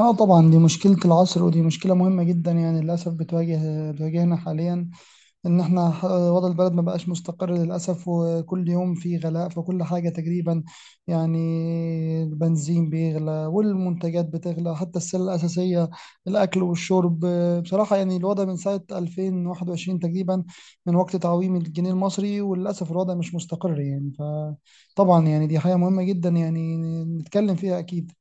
اه طبعا دي مشكلة العصر، ودي مشكلة مهمة جدا، يعني للأسف بتواجهنا حاليا. إن احنا وضع البلد ما بقاش مستقر للأسف، وكل يوم في غلاء في كل حاجة تقريبا يعني. البنزين بيغلى والمنتجات بتغلى، حتى السلة الأساسية الأكل والشرب. بصراحة يعني الوضع من ساعة 2021 تقريبا، من وقت تعويم الجنيه المصري، وللأسف الوضع مش مستقر يعني. فطبعا يعني دي حاجة مهمة جدا يعني نتكلم فيها أكيد.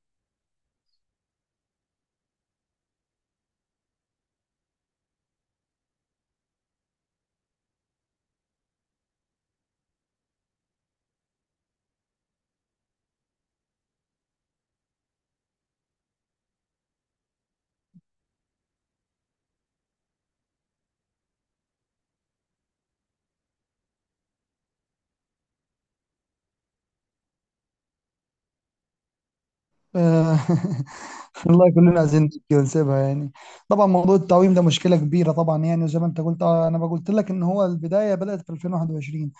آه، والله كلنا عايزين نبكي ونسيبها يعني. طبعا موضوع التعويم ده مشكله كبيره طبعا يعني، وزي ما انت قلت، انا ما قلت لك ان هو البدايه بدات في 2021.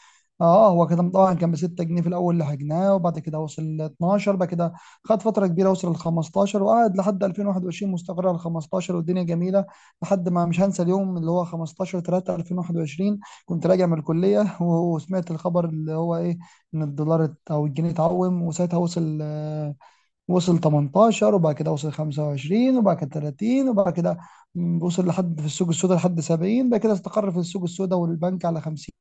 اه هو كده طبعا. كان ب 6 جنيه في الاول اللي حجناه، وبعد كده وصل ل 12 بعد كده. خد فتره كبيره وصل ل 15، وقعد لحد 2021 مستقر على 15، والدنيا جميله. لحد ما، مش هنسى اليوم اللي هو 15 3 2021، كنت راجع من الكليه وسمعت الخبر اللي هو ايه؟ ان الدولار او الجنيه اتعوم. وساعتها وصل، وصل 18، وبعد كده وصل 25، وبعد كده 30، وبعد كده وصل لحد في السوق السوداء لحد 70. بعد كده استقر في السوق السوداء والبنك على 50.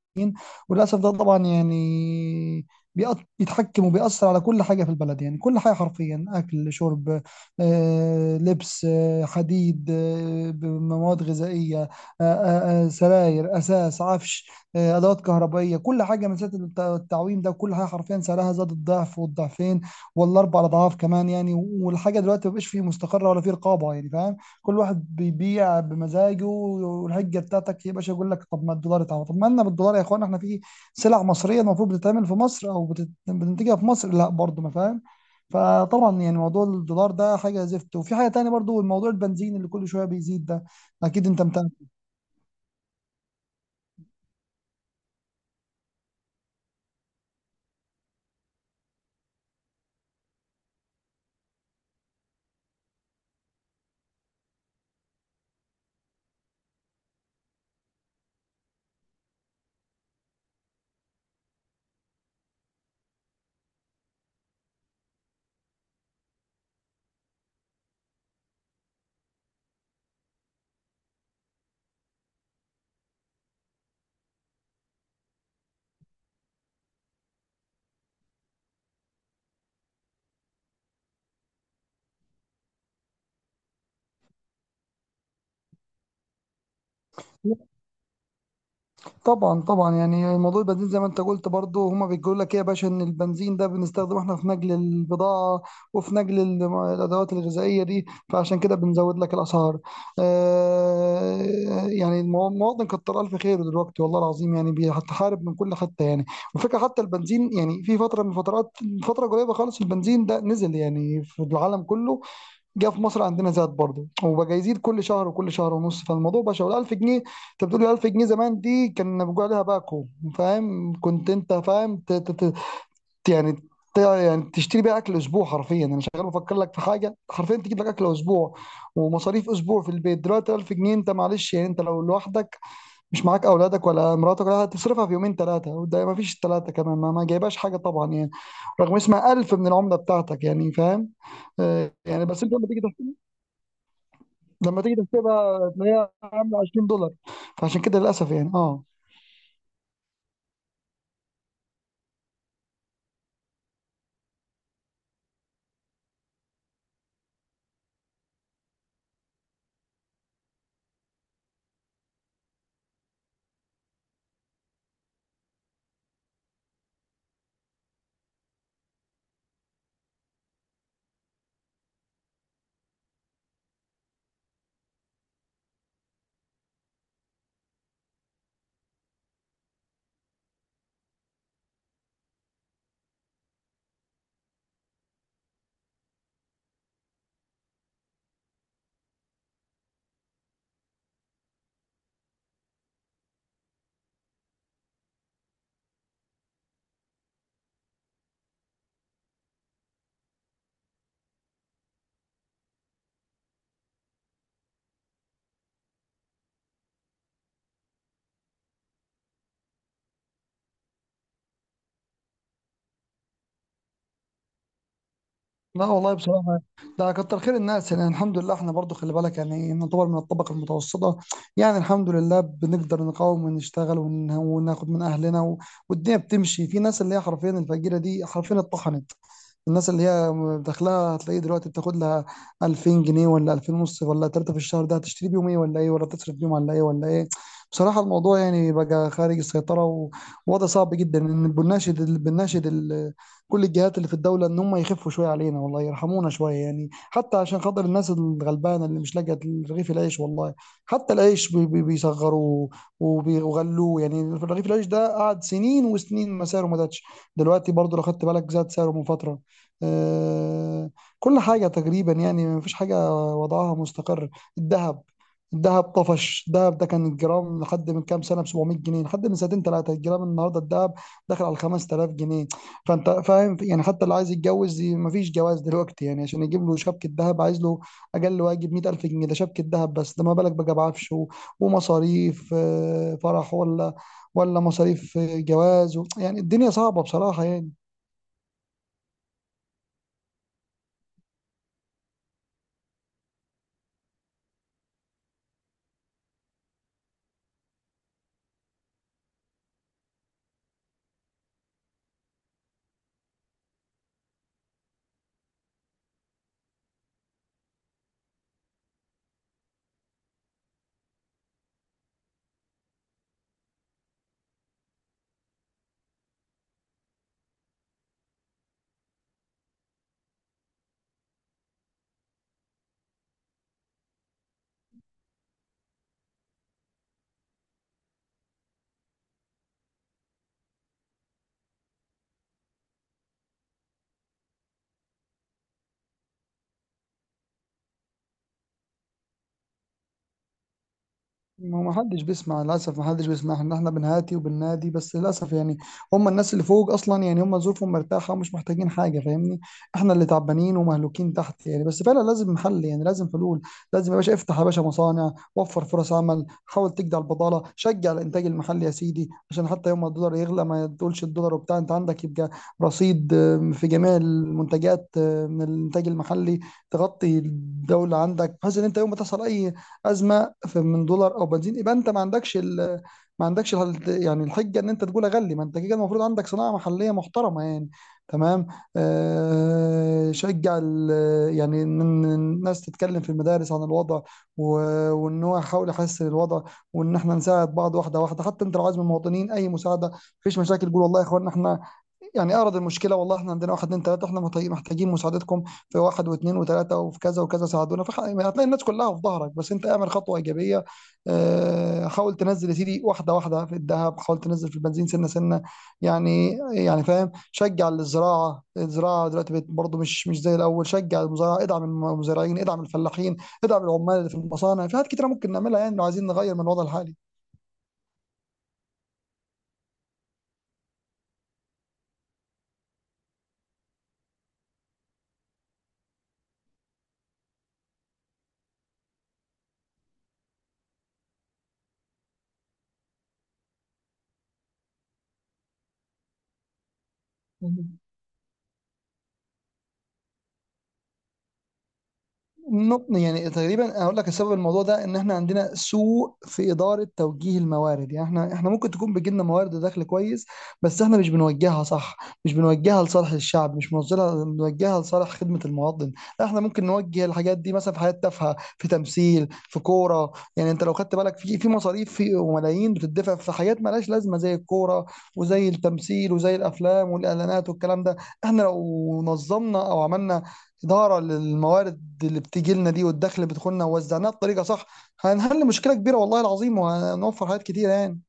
وللاسف ده طبعا يعني بيتحكم وبيأثر على كل حاجة في البلد يعني. كل حاجة حرفيا، أكل، شرب، لبس، حديد، مواد غذائية، سراير، أساس، عفش، أدوات كهربائية. كل حاجة من ساعة التعويم ده، كل حاجة حرفيا سعرها زاد الضعف والضعفين ولا اربع اضعاف كمان يعني. والحاجه دلوقتي مبقاش فيه مستقره ولا فيه رقابه، يعني فاهم. كل واحد بيبيع بمزاجه، والحجه بتاعتك يا باشا يقول لك: طب ما الدولار اتعمل. طب ما لنا بالدولار يا اخوان؟ احنا في سلع مصريه، المفروض بتتعمل في مصر او بتنتجها في مصر، لا برضه، ما فاهم. فطبعا يعني موضوع الدولار ده حاجه زفت، وفي حاجه تانية برضه، الموضوع البنزين اللي كل شويه بيزيد ده. اكيد انت متابع. طبعا طبعا، يعني موضوع البنزين زي ما انت قلت برضو، هما بيقول لك ايه يا باشا؟ ان البنزين ده بنستخدمه احنا في نقل البضاعه وفي نقل الادوات الغذائيه دي، فعشان كده بنزود لك الاسعار. آه. يعني المواطن كتر الف خيره دلوقتي، والله العظيم يعني بيتحارب من كل حته يعني. وفكره، حتى البنزين يعني في فتره من فترات، فتره قريبه خالص، البنزين ده نزل يعني في العالم كله. جه في مصر عندنا زاد برضه، وبقى يزيد كل شهر وكل شهر ونص. فالموضوع بقى شغل 1000 جنيه. انت بتقول 1000 جنيه؟ زمان دي كان بيقول عليها باكو، فاهم؟ كنت انت فاهم ت- يعني يعني تشتري بيها اكل اسبوع حرفيا. انا شغال بفكر لك في حاجه حرفيا تجيب لك اكل اسبوع ومصاريف اسبوع في البيت دلوقتي، 1000 جنيه. انت، معلش يعني، انت لو لوحدك، مش معاك اولادك ولا مراتك ولا حاجة، هتصرفها في يومين ثلاثه، وده ما فيش ثلاثه كمان، ما جايبهاش حاجه طبعا يعني، رغم اسمها 1000 من العمله بتاعتك، يعني فاهم. يعني بس انت لما تيجي، تحسبها تلاقيها عامله 20 دولار. فعشان كده للاسف يعني اه. لا والله بصراحه ده كتر خير الناس يعني. الحمد لله احنا برضو، خلي بالك يعني، نعتبر من الطبقه المتوسطه، يعني الحمد لله بنقدر نقاوم ونشتغل وناخد من اهلنا والدنيا بتمشي. في ناس اللي هي حرفيا الفقيره دي، حرفيا اتطحنت. الناس اللي هي داخلها هتلاقيه دلوقتي بتاخد لها 2000 جنيه ولا 2000 ونص ولا 3 في الشهر، ده هتشتري بيهم ايه ولا ايه، ولا تصرف بيهم على ايه ولا ايه؟ بصراحة الموضوع يعني بقى خارج السيطرة، ووضع صعب جدا. ان بنناشد كل الجهات اللي في الدولة، ان هم يخفوا شوية علينا، والله يرحمونا شوية يعني، حتى عشان خاطر الناس الغلبانة اللي مش لاقية رغيف العيش والله. حتى العيش بيصغروه وغلوه يعني. رغيف العيش ده قعد سنين وسنين ما سعره ما زادش، دلوقتي برضه لو خدت بالك زاد سعره من فترة. آه، كل حاجة تقريبا يعني، مفيش حاجة وضعها مستقر. الذهب، الذهب طفش. الذهب ده كان الجرام لحد من كام سنة ب 700 جنيه، لحد من سنتين ثلاثة، الجرام النهاردة الذهب داخل على 5000 جنيه. فأنت فاهم يعني، حتى اللي عايز يتجوز مفيش جواز دلوقتي يعني. عشان يجيب له شبكة ذهب، عايز له أقل واجب 100000 جنيه، ده شبكة ذهب بس. ده ما بالك بقى بعفش ومصاريف فرح، ولا ولا مصاريف جواز يعني الدنيا صعبة بصراحة يعني. ما حدش بيسمع، للاسف ما حدش بيسمع ان احنا بنهاتي وبننادي، بس للاسف يعني. هم الناس اللي فوق اصلا، يعني هم ظروفهم مرتاحه ومش محتاجين حاجه، فاهمني؟ احنا اللي تعبانين ومهلوكين تحت يعني. بس فعلا لازم حل، يعني لازم حلول. لازم يا باشا افتح يا باشا مصانع، وفر فرص عمل، حاول تجدع البضاله، شجع الانتاج المحلي يا سيدي، عشان حتى يوم ما الدولار يغلى ما تقولش الدولار وبتاع، انت عندك يبقى رصيد في جميع المنتجات من الانتاج المحلي تغطي الدوله عندك، بحيث ان انت يوم ما تحصل اي ازمه في من دولار او بنزين، يبقى انت ما عندكش ما عندكش ال... يعني الحجه ان انت تقول اغلي. ما انت كده المفروض عندك صناعه محليه محترمه يعني. تمام. آه شجع ال... يعني إن الناس تتكلم في المدارس عن الوضع، و... وان هو يحاول يحسن الوضع، وان احنا نساعد بعض واحده واحده. حتى انت لو عايز من المواطنين اي مساعده، مفيش مشاكل. قول: والله يا اخوانا احنا يعني اعرض المشكله، والله احنا عندنا واحد اتنين تلاته، احنا محتاجين مساعدتكم في واحد واثنين وثلاثه وفي كذا وكذا، ساعدونا. فهتلاقي الناس كلها في ظهرك، بس انت اعمل خطوه ايجابيه. حاول تنزل يا سيدي واحده واحده في الذهب، حاول تنزل في البنزين سنه سنه يعني. يعني فاهم، شجع الزراعه. الزراعه دلوقتي بقت برضه مش زي الاول. شجع المزارعه، ادعم المزارعين، ادعم الفلاحين، ادعم العمال اللي في المصانع. في حاجات كتيره ممكن نعملها يعني لو عايزين نغير من الوضع الحالي. يعني تقريبا اقول لك السبب الموضوع ده، ان احنا عندنا سوء في اداره توجيه الموارد يعني. احنا ممكن تكون بيجي لنا موارد دخل كويس، بس احنا مش بنوجهها صح، مش بنوجهها لصالح الشعب، مش بنوجهها بنوجهها لصالح خدمه المواطن. لا، احنا ممكن نوجه الحاجات دي مثلا في حاجات تافهه، في تمثيل، في كوره يعني. انت لو خدت بالك في مصاريف في وملايين بتدفع في حاجات مالهاش لازمه، زي الكوره وزي التمثيل وزي الافلام والاعلانات والكلام ده. احنا لو نظمنا او عملنا إدارة للموارد اللي بتيجي لنا دي والدخل اللي بيدخلنا ووزعناها بطريقة صح، هنحل مشكلة كبيرة والله العظيم، وهنوفر حاجات كتير يعني.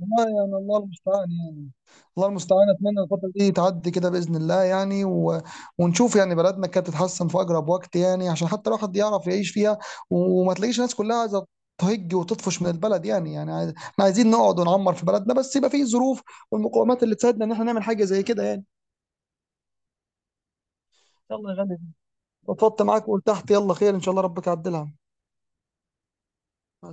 والله يعني الله المستعان يعني. الله المستعان. أتمنى الفترة دي تعدي كده بإذن الله يعني، ونشوف يعني بلدنا كانت تتحسن في أقرب وقت يعني، عشان حتى الواحد يعرف يعيش فيها، وما تلاقيش الناس كلها عايزة تهج وتطفش من البلد يعني. يعني احنا عايزين نقعد ونعمر في بلدنا، بس يبقى فيه ظروف والمقومات اللي تساعدنا ان احنا نعمل حاجة زي كده يعني. يلا يا غالي، اتفضت معاك وقلت تحت، يلا خير ان شاء الله ربك يعدلها.